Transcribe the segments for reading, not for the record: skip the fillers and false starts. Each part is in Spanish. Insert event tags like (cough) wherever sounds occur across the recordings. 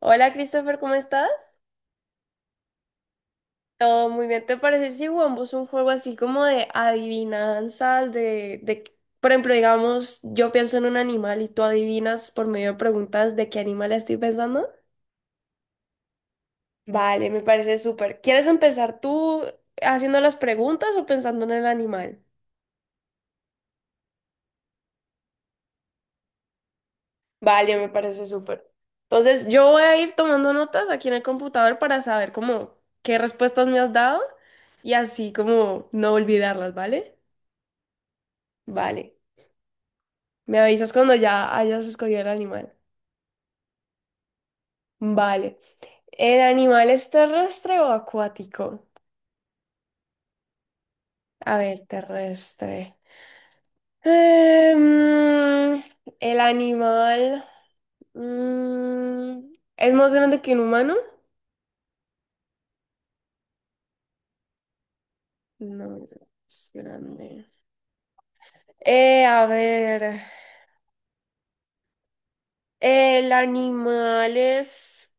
Hola Christopher, ¿cómo estás? Todo muy bien. ¿Te parece si jugamos un juego así como de adivinanzas, por ejemplo, digamos, yo pienso en un animal y tú adivinas por medio de preguntas de qué animal estoy pensando? Vale, me parece súper. ¿Quieres empezar tú haciendo las preguntas o pensando en el animal? Vale, me parece súper. Entonces, yo voy a ir tomando notas aquí en el computador para saber cómo qué respuestas me has dado y así como no olvidarlas, ¿vale? Vale. Me avisas cuando ya hayas escogido el animal. Vale. ¿El animal es terrestre o acuático? A ver, terrestre. Em, el animal, es más grande que un humano. No es más grande. A ver, el animal es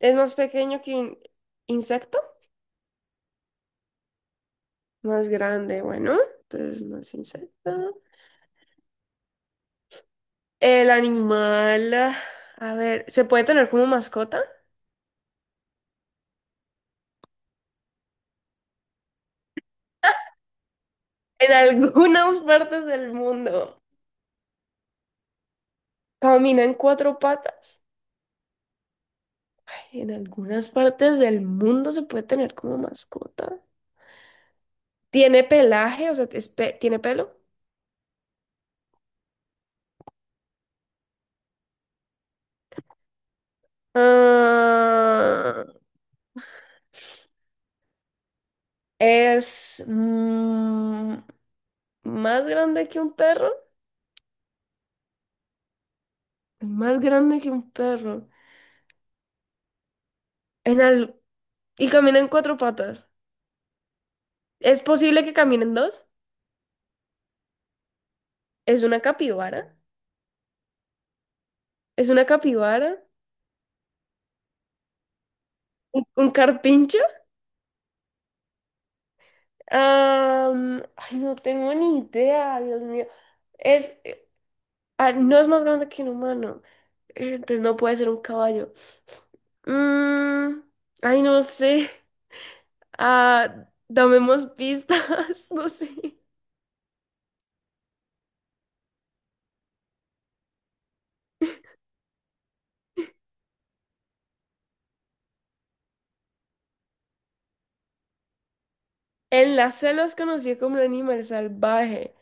es más pequeño que un insecto, más grande. Bueno, entonces no es insecto. El animal, a ver, ¿se puede tener como mascota? En algunas (laughs) partes del mundo. Camina en cuatro patas. En algunas partes del mundo se puede tener como mascota. ¿Tiene pelaje? O sea, ¿tiene pelo? Ah, es, más grande que un perro. Es más grande que un perro. En al- Y camina en cuatro patas. ¿Es posible que caminen dos? ¿Es una capibara? ¿Es una capibara? ¿¿Un carpincho? Ay, no tengo ni idea, Dios mío. Es, eh, no es más grande que un humano. Entonces no puede ser un caballo. Mm, ay, no sé. Damemos pistas, (laughs) no sé. En la selva es conocido como un animal salvaje.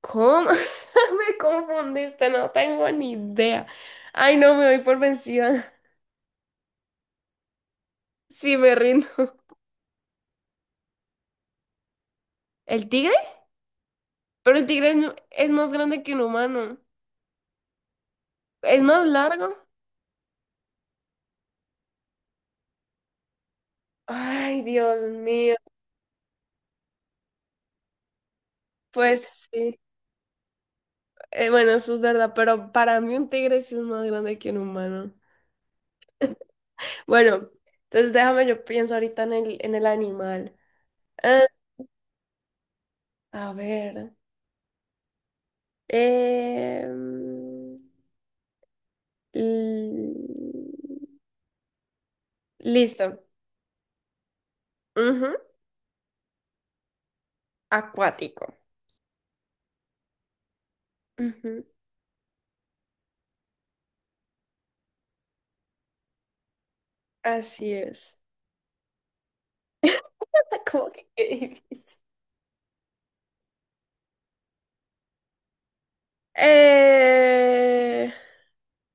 ¿Cómo? (laughs) Me confundiste, no tengo ni idea. Ay, no, me voy por vencida. Sí, me rindo. ¿El tigre? Pero el tigre es más grande que un humano. ¿Es más largo? Ay, Dios mío. Pues sí. Bueno, eso es verdad, pero para mí un tigre sí es más grande que un humano. Bueno, entonces déjame, yo pienso ahorita en el animal. Ah, a ver. Em, l- Listo. Ujú. Acuático. Ujú. Así es. (laughs) ¿Cómo que qué difícil? Eh,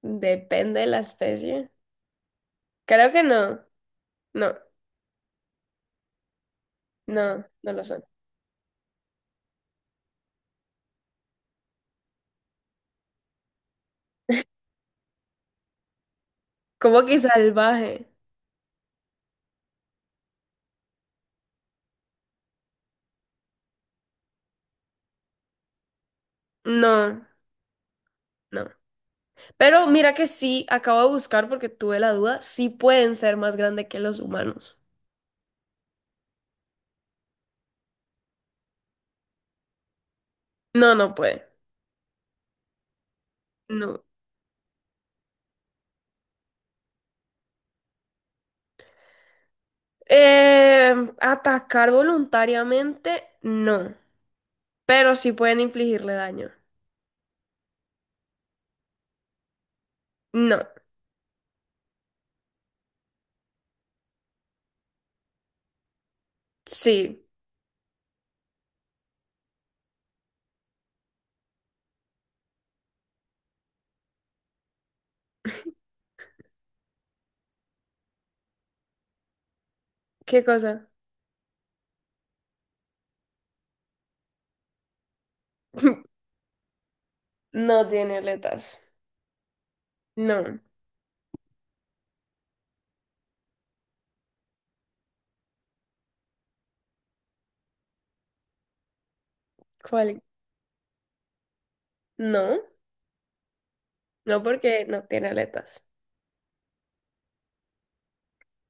Depende de la especie. Creo que no. No, no, no lo son. ¿Cómo que salvaje? No, no. Pero mira que sí, acabo de buscar porque tuve la duda, sí pueden ser más grandes que los humanos. No, no puede. No. Eh, Atacar voluntariamente, no. Pero sí pueden infligirle daño. No. Sí. ¿Qué cosa? (laughs) No tiene aletas. No. ¿Cuál? No. No porque no tiene aletas.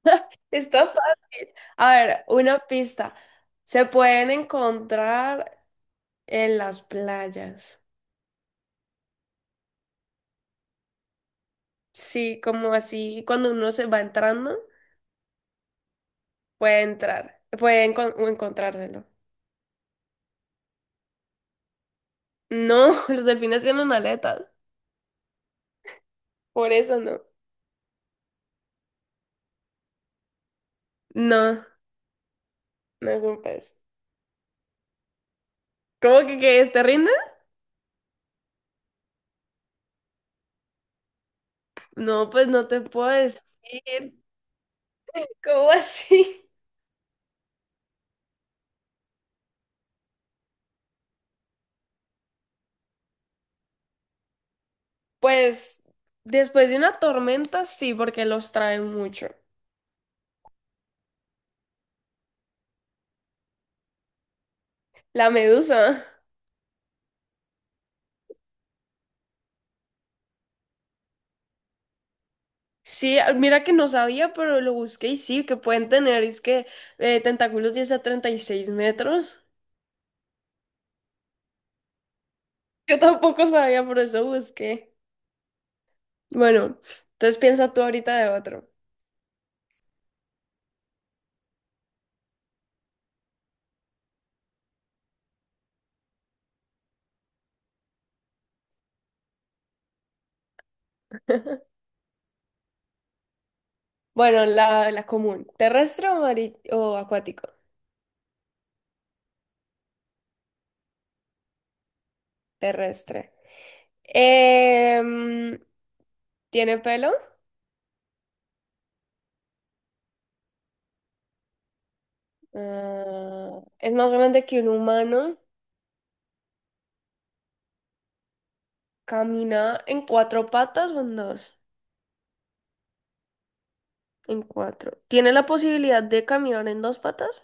(laughs) Está fácil. A ver, una pista. Se pueden encontrar en las playas. Sí, como así, cuando uno se va entrando, puede entrar, puede encontrárselo. No, (laughs) los delfines tienen aletas, por eso no. No, no es un pez. ¿Cómo que es? ¿Te rindes? No, pues no te puedo decir. ¿Cómo así? (laughs) Pues después de una tormenta, sí, porque los traen mucho. La medusa. Sí, mira que no sabía, pero lo busqué y sí, que pueden tener, es que tentáculos 10 a 36 metros. (laughs) Yo tampoco sabía, por eso busqué. Bueno, entonces piensa tú ahorita de otro. Bueno, la común, terrestre o acuático, terrestre. Em, ¿Tiene pelo? ¿Es más grande que un humano? ¿Camina en cuatro patas o en dos? En cuatro. ¿Tiene la posibilidad de caminar en dos patas?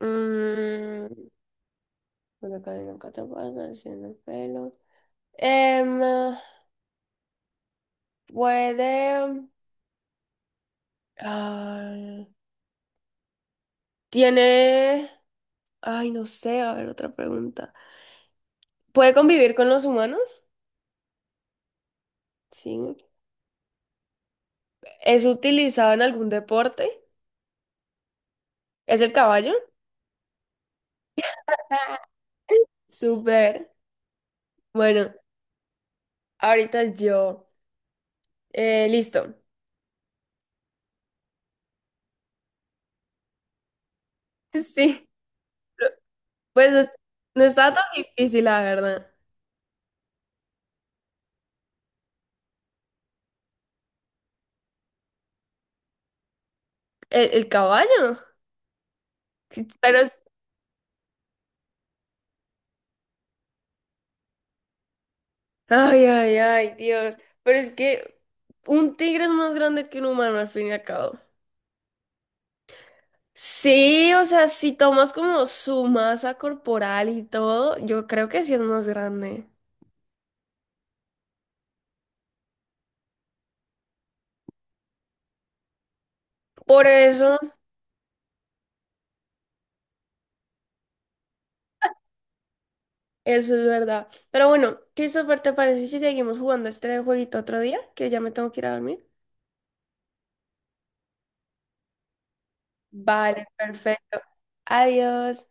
Mm, pero que en te pasa, sin pelo. Em, Puede. ah, Tiene. Ay, no sé, a ver, otra pregunta. ¿Puede convivir con los humanos? Sí. ¿Es utilizado en algún deporte? ¿Es el caballo? (laughs) Ah. Súper. Bueno, ahorita yo. Listo. (laughs) Sí. Pues no, no estaba tan difícil, la verdad. El caballo. Pero ay, ay, ay, Dios. Pero es que un tigre es más grande que un humano al fin y al cabo. Sí, o sea, si tomas como su masa corporal y todo, yo creo que sí es más grande. Por eso, eso es verdad. Pero bueno, Christopher, ¿te parece si seguimos jugando este jueguito otro día? Que ya me tengo que ir a dormir. Vale, perfecto. Adiós.